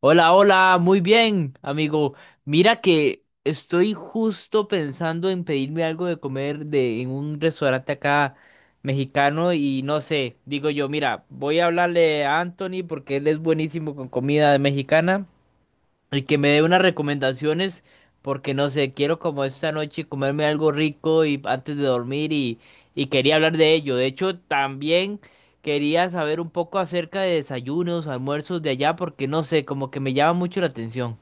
Hola, hola, muy bien, amigo. Mira que estoy justo pensando en pedirme algo de comer de, en un restaurante acá mexicano y no sé, digo yo, mira, voy a hablarle a Anthony porque él es buenísimo con comida mexicana y que me dé unas recomendaciones, porque no sé, quiero como esta noche comerme algo rico y antes de dormir y quería hablar de ello. De hecho, también quería saber un poco acerca de desayunos, almuerzos de allá, porque no sé, como que me llama mucho la atención.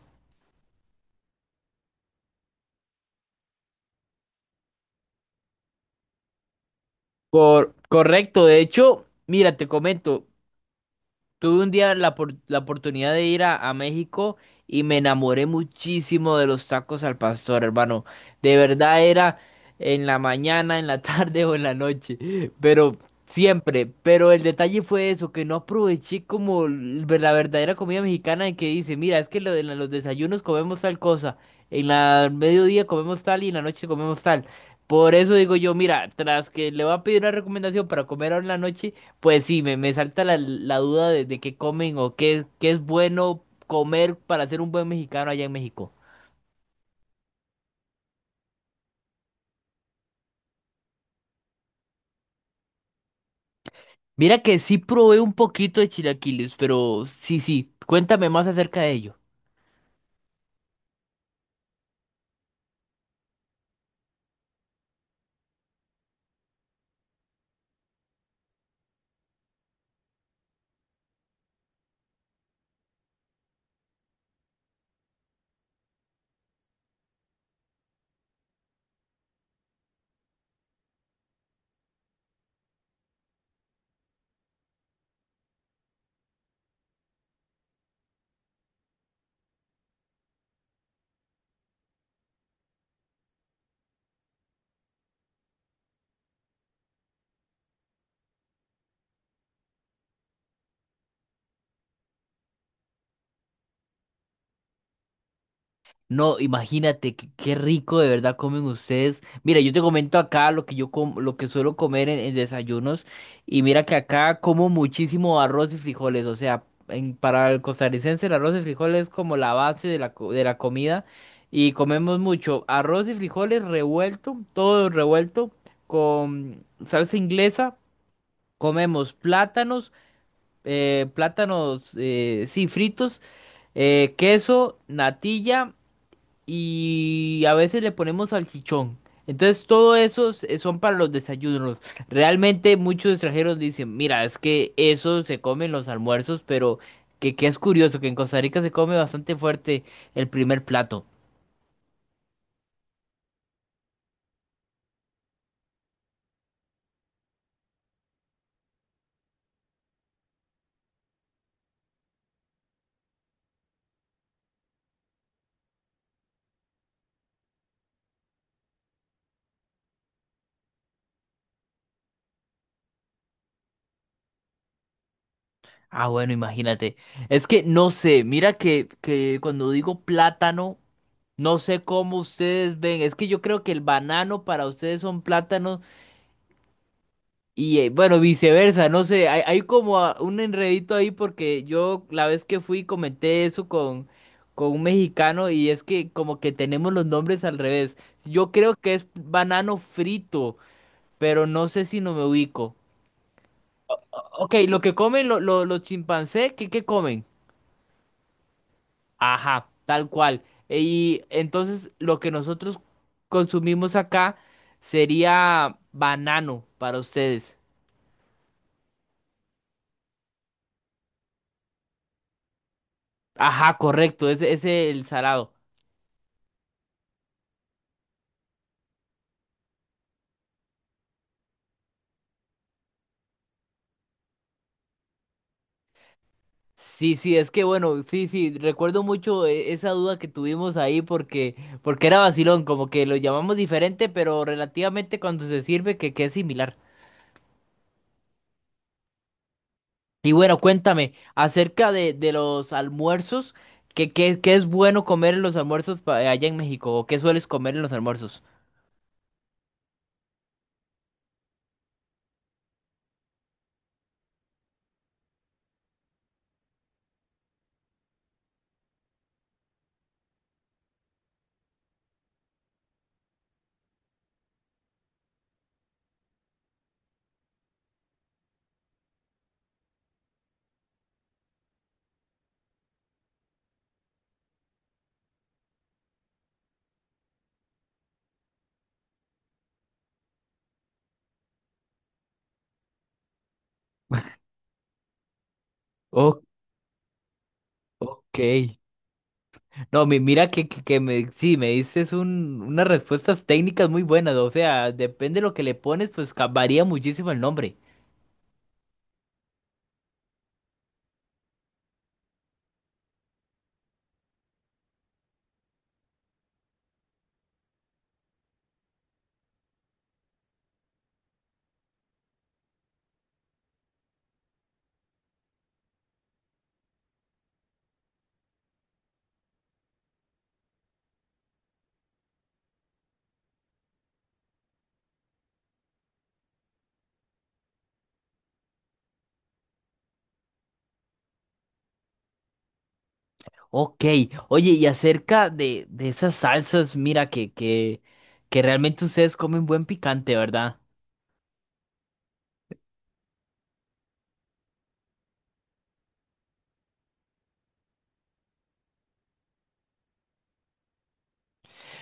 Correcto, de hecho, mira, te comento. Tuve un día la oportunidad de ir a México y me enamoré muchísimo de los tacos al pastor, hermano. De verdad era en la mañana, en la tarde o en la noche, pero siempre. Pero el detalle fue eso, que no aproveché como la verdadera comida mexicana en que dice, mira, es que lo de los desayunos comemos tal cosa, en la mediodía comemos tal y en la noche comemos tal. Por eso digo yo, mira, tras que le voy a pedir una recomendación para comer ahora en la noche. Pues sí, me salta la duda de qué comen o qué, qué es bueno comer para ser un buen mexicano allá en México. Mira que sí probé un poquito de chilaquiles, pero sí, sí, cuéntame más acerca de ello. No, imagínate qué, qué rico de verdad comen ustedes. Mira, yo te comento acá lo que yo lo que suelo comer en desayunos y mira que acá como muchísimo arroz y frijoles, o sea, para el costarricense el arroz y frijoles es como la base de de la comida y comemos mucho arroz y frijoles revuelto, todo revuelto con salsa inglesa, comemos plátanos, plátanos, sí, fritos, queso, natilla y a veces le ponemos salchichón. Entonces todo eso son para los desayunos. Realmente muchos extranjeros dicen, mira, es que eso se come en los almuerzos, pero que es curioso que en Costa Rica se come bastante fuerte el primer plato. Ah, bueno, imagínate. Es que no sé, mira que cuando digo plátano, no sé cómo ustedes ven. Es que yo creo que el banano para ustedes son plátanos. Y bueno, viceversa, no sé, hay como un enredito ahí porque yo la vez que fui comenté eso con un mexicano y es que como que tenemos los nombres al revés. Yo creo que es banano frito, pero no sé si no me ubico. Ok, lo que comen los chimpancés, ¿qué, qué comen? Ajá, tal cual. Y entonces lo que nosotros consumimos acá sería banano para ustedes. Ajá, correcto, ese ese es el salado. Sí, sí, es que bueno, sí, sí, recuerdo mucho esa duda que tuvimos ahí porque, porque era vacilón, como que lo llamamos diferente, pero relativamente cuando se sirve que es similar. Y bueno, cuéntame acerca de los almuerzos, que es bueno comer en los almuerzos allá en México, o qué sueles comer en los almuerzos. Oh, ok. No, mira que me, sí, me dices un, unas respuestas técnicas muy buenas, o sea, depende de lo que le pones, pues varía muchísimo el nombre. Ok, oye, y acerca de esas salsas, mira que realmente ustedes comen buen picante, ¿verdad?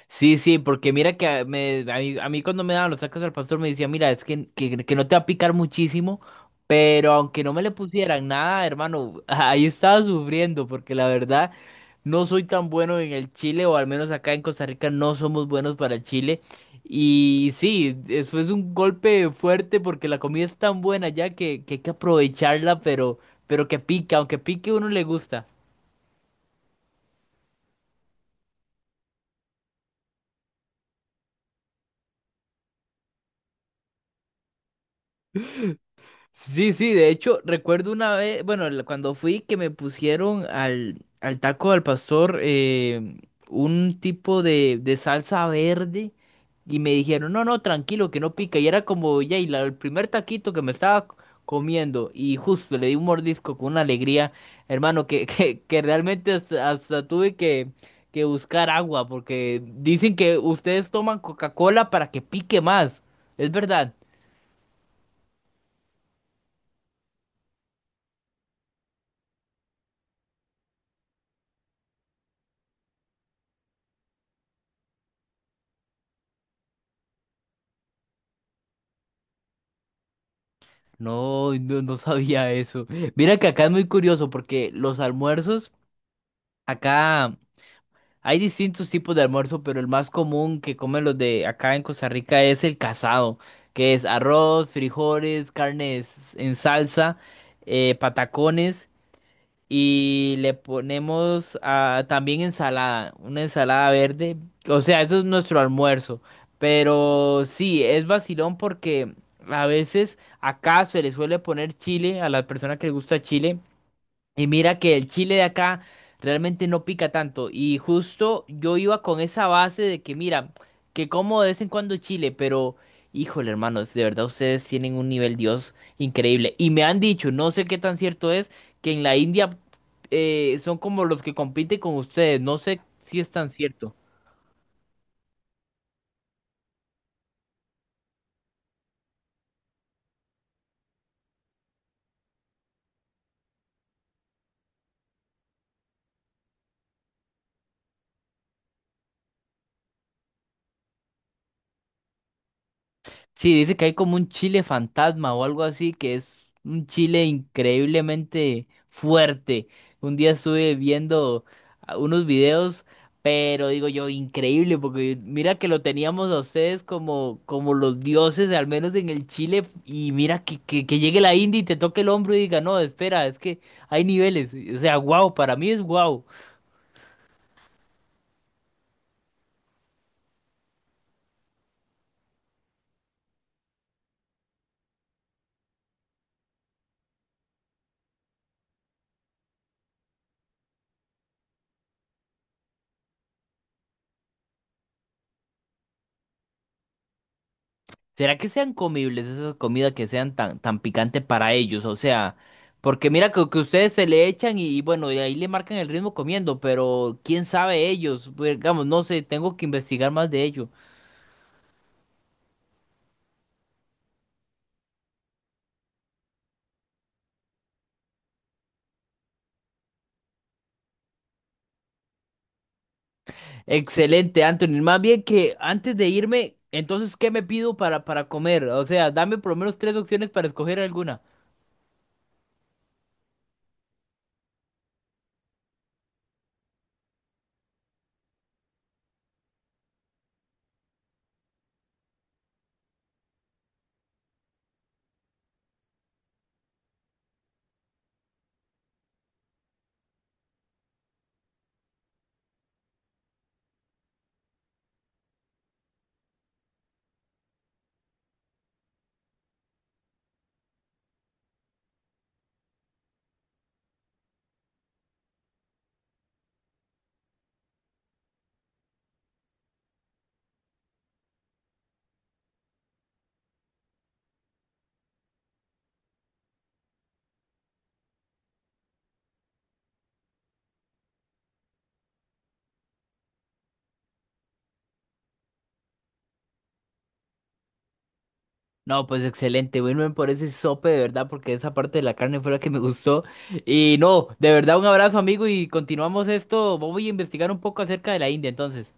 Sí, sí, porque mira que a mí cuando me daban los tacos al pastor me decía, mira, es que no te va a picar muchísimo, pero aunque no me le pusieran nada, hermano, ahí estaba sufriendo, porque la verdad no soy tan bueno en el chile, o al menos acá en Costa Rica no somos buenos para el chile. Y sí, eso es un golpe fuerte porque la comida es tan buena ya que hay que aprovecharla, pero que pica, aunque pique uno le gusta. Sí, sí, de hecho, recuerdo una vez, bueno, cuando fui que me pusieron al taco al pastor un tipo de salsa verde y me dijeron, no, no, tranquilo, que no pica. Y era como, ya, y el primer taquito que me estaba comiendo y justo le di un mordisco con una alegría, hermano, que, que realmente hasta, hasta tuve que buscar agua porque dicen que ustedes toman Coca-Cola para que pique más. ¿Es verdad? No, no, no sabía eso. Mira que acá es muy curioso porque los almuerzos, acá hay distintos tipos de almuerzo, pero el más común que comen los de acá en Costa Rica es el casado, que es arroz, frijoles, carnes en salsa, patacones. Y le ponemos ah, también ensalada, una ensalada verde. O sea, eso es nuestro almuerzo. Pero sí, es vacilón porque a veces acá se le suele poner chile a las personas que les gusta chile. Y mira que el chile de acá realmente no pica tanto. Y justo yo iba con esa base de que, mira, que como de vez en cuando chile, pero híjole, hermanos, de verdad ustedes tienen un nivel Dios increíble. Y me han dicho, no sé qué tan cierto es, que en la India son como los que compiten con ustedes. No sé si es tan cierto. Sí, dice que hay como un chile fantasma o algo así, que es un chile increíblemente fuerte. Un día estuve viendo unos videos, pero digo yo, increíble, porque mira que lo teníamos a ustedes como, como los dioses, al menos en el Chile, y mira que llegue la India y te toque el hombro y diga, no, espera, es que hay niveles. O sea, wow, para mí es wow. ¿Será que sean comibles esas comidas que sean tan, tan picante para ellos? O sea, porque mira que ustedes se le echan y bueno, y ahí le marcan el ritmo comiendo, pero quién sabe ellos, pues, digamos, no sé, tengo que investigar más de ello. Excelente, Anthony. Más bien que antes de irme, entonces, ¿qué me pido para comer? O sea, dame por lo menos 3 opciones para escoger alguna. No, pues excelente, Wilmer, por ese sope de verdad, porque esa parte de la carne fue la que me gustó. Y no, de verdad, un abrazo, amigo, y continuamos esto. Voy a investigar un poco acerca de la India, entonces.